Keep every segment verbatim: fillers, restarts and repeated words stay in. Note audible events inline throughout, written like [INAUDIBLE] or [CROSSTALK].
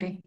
Sí.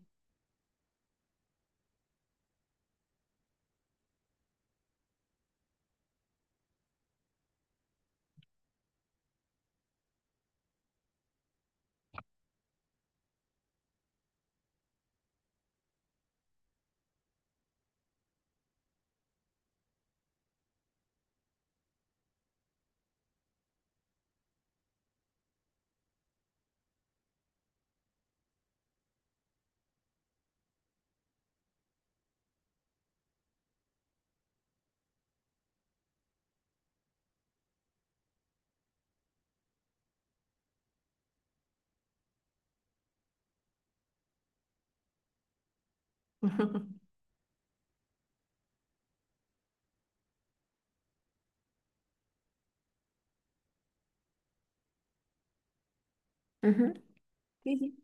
[LAUGHS] Ujú. Sí, sí.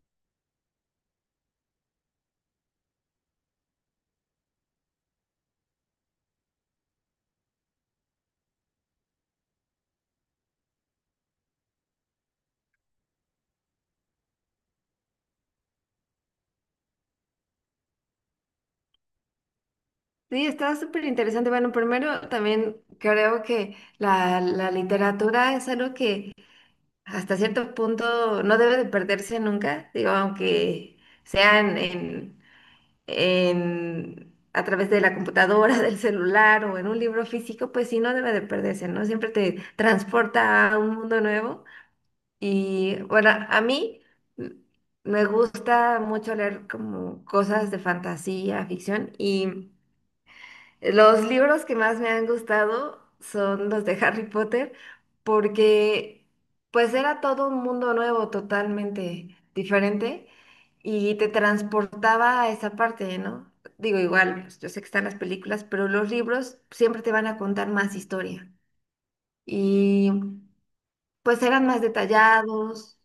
Sí, está súper interesante. Bueno, primero también creo que la, la literatura es algo que hasta cierto punto no debe de perderse nunca, digo, aunque sean en, en- a través de la computadora, [LAUGHS] del celular o en un libro físico, pues sí, no debe de perderse, ¿no? Siempre te transporta a un mundo nuevo. Y bueno, a mí mm, me gusta mucho leer como cosas de fantasía, ficción, y los libros que más me han gustado son los de Harry Potter, porque pues era todo un mundo nuevo, totalmente diferente, y te transportaba a esa parte, ¿no? Digo, igual, pues, yo sé que están las películas, pero los libros siempre te van a contar más historia. Y pues eran más detallados.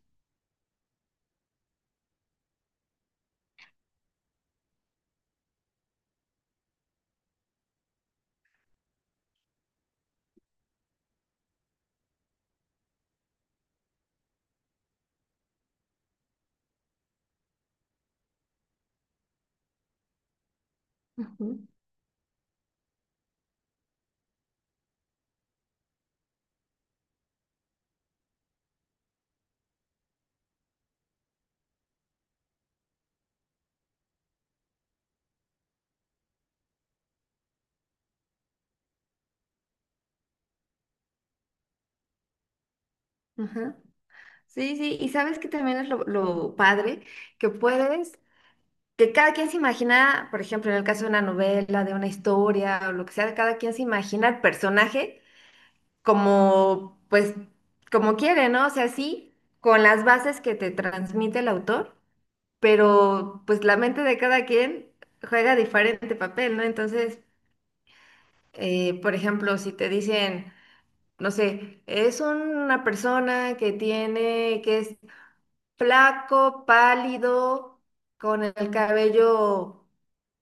Ujú. Ajá. Sí, sí, y sabes que también es lo, lo padre que puedes, que cada quien se imagina, por ejemplo, en el caso de una novela, de una historia o lo que sea, cada quien se imagina el personaje como, pues, como quiere, ¿no? O sea, sí, con las bases que te transmite el autor, pero pues la mente de cada quien juega diferente papel, ¿no? Entonces, eh, por ejemplo, si te dicen no sé, es una persona que tiene, que es flaco, pálido, con el cabello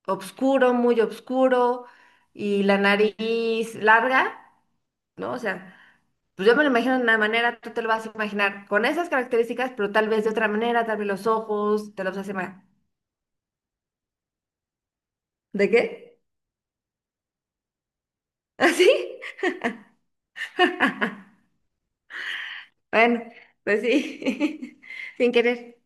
oscuro, muy oscuro, y la nariz larga, ¿no? O sea, pues yo me lo imagino de una manera, tú te lo vas a imaginar con esas características, pero tal vez de otra manera, tal vez los ojos, te los hace más. ¿De qué? ¿Así? [LAUGHS] Bueno, pues sí, [LAUGHS] sin querer.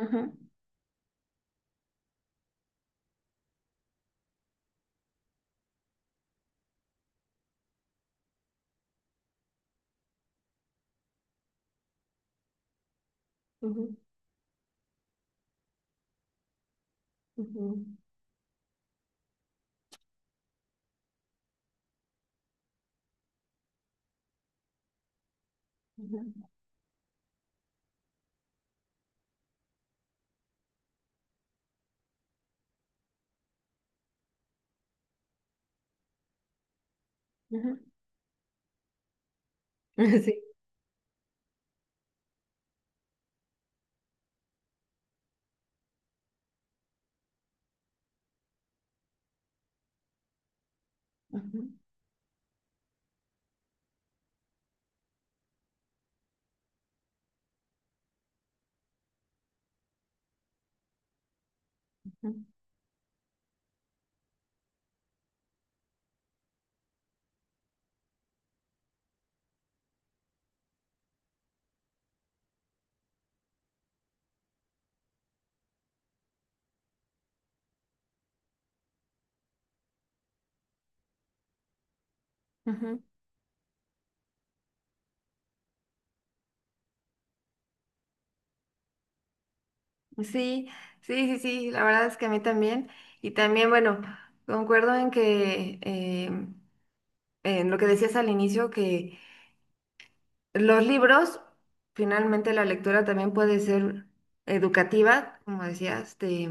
Ujú, ujú, ujú, ujú, ujú. [LAUGHS] Sí. Ujú, ujú, ujú. Sí, sí, sí, sí, la verdad es que a mí también. Y también, bueno, concuerdo en que, eh, en lo que decías al inicio, que los libros, finalmente la lectura también puede ser educativa, como decías. Este,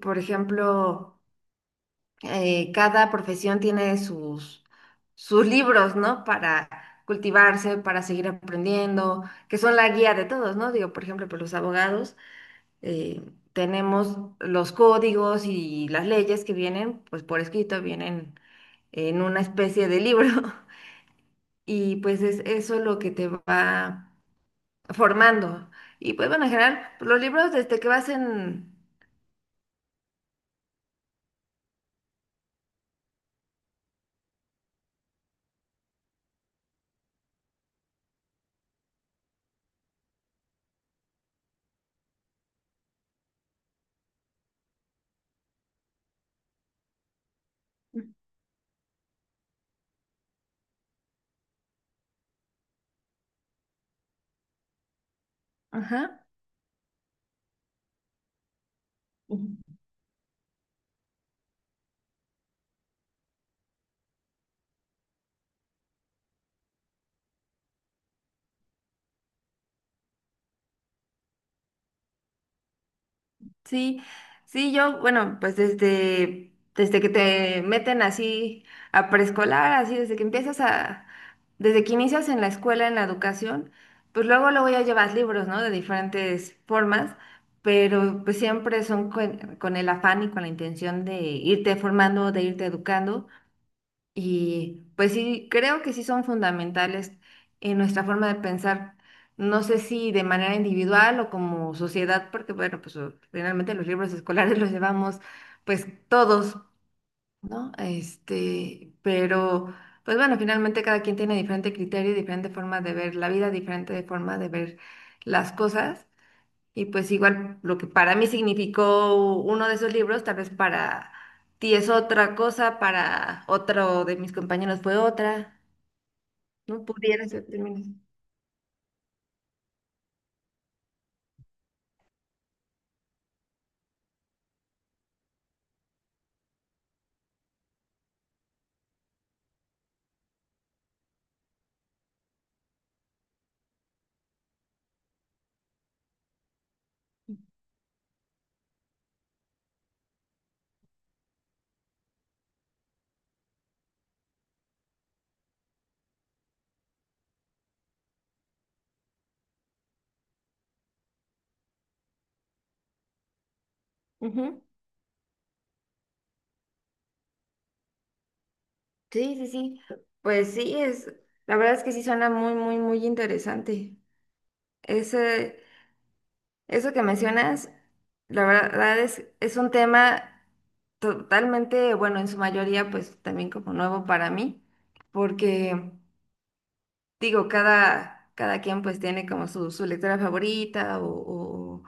por ejemplo, eh, cada profesión tiene sus, sus libros, ¿no? Para cultivarse, para seguir aprendiendo, que son la guía de todos, ¿no? Digo, por ejemplo, por los abogados eh, tenemos los códigos y las leyes que vienen, pues por escrito, vienen en una especie de libro. [LAUGHS] Y pues es eso lo que te va formando. Y pues bueno, en general, los libros desde que vas en... Ajá. Sí, sí, yo, bueno, pues desde, desde que te meten así a preescolar, así desde que empiezas a, desde que inicias en la escuela, en la educación, pues luego luego ya llevas libros, ¿no? De diferentes formas, pero pues siempre son con, con el afán y con la intención de irte formando, de irte educando. Y pues sí, creo que sí son fundamentales en nuestra forma de pensar. No sé si de manera individual o como sociedad, porque bueno, pues o- finalmente los libros escolares [LAUGHS] los llevamos pues todos, ¿no? Este, pero pues bueno, finalmente cada quien tiene diferente criterio y diferente forma de ver la vida, diferente forma de ver las cosas. Y pues igual lo que para mí significó uno de esos libros, tal vez para ti es otra cosa, para otro de mis compañeros fue otra, ¿no? Pudiera ser también. Ujú. Sí, sí, sí. Pues sí, es, la verdad es que sí suena muy, muy, muy interesante. Ese, eso que mencionas, la verdad es, es un tema totalmente, bueno, en su mayoría, pues también como nuevo para mí, porque digo, cada, cada quien pues tiene como su, su lectora favorita o, o-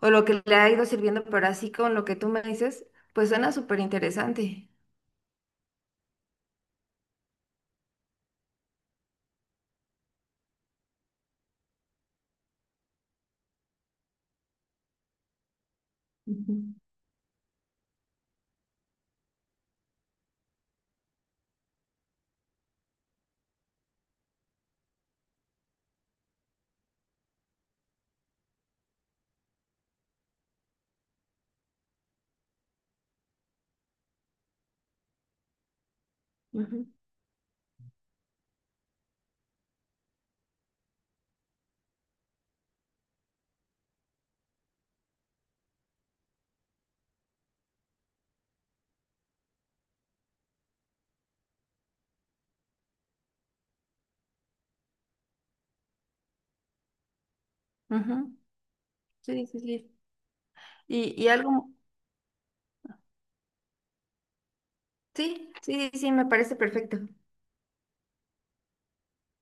o lo que le ha ido sirviendo, pero así con lo que tú me dices, pues suena súper interesante. Ujú, ujú, ujú. Sí, sí, sí. Y, y algo, sí, sí, sí, me parece perfecto.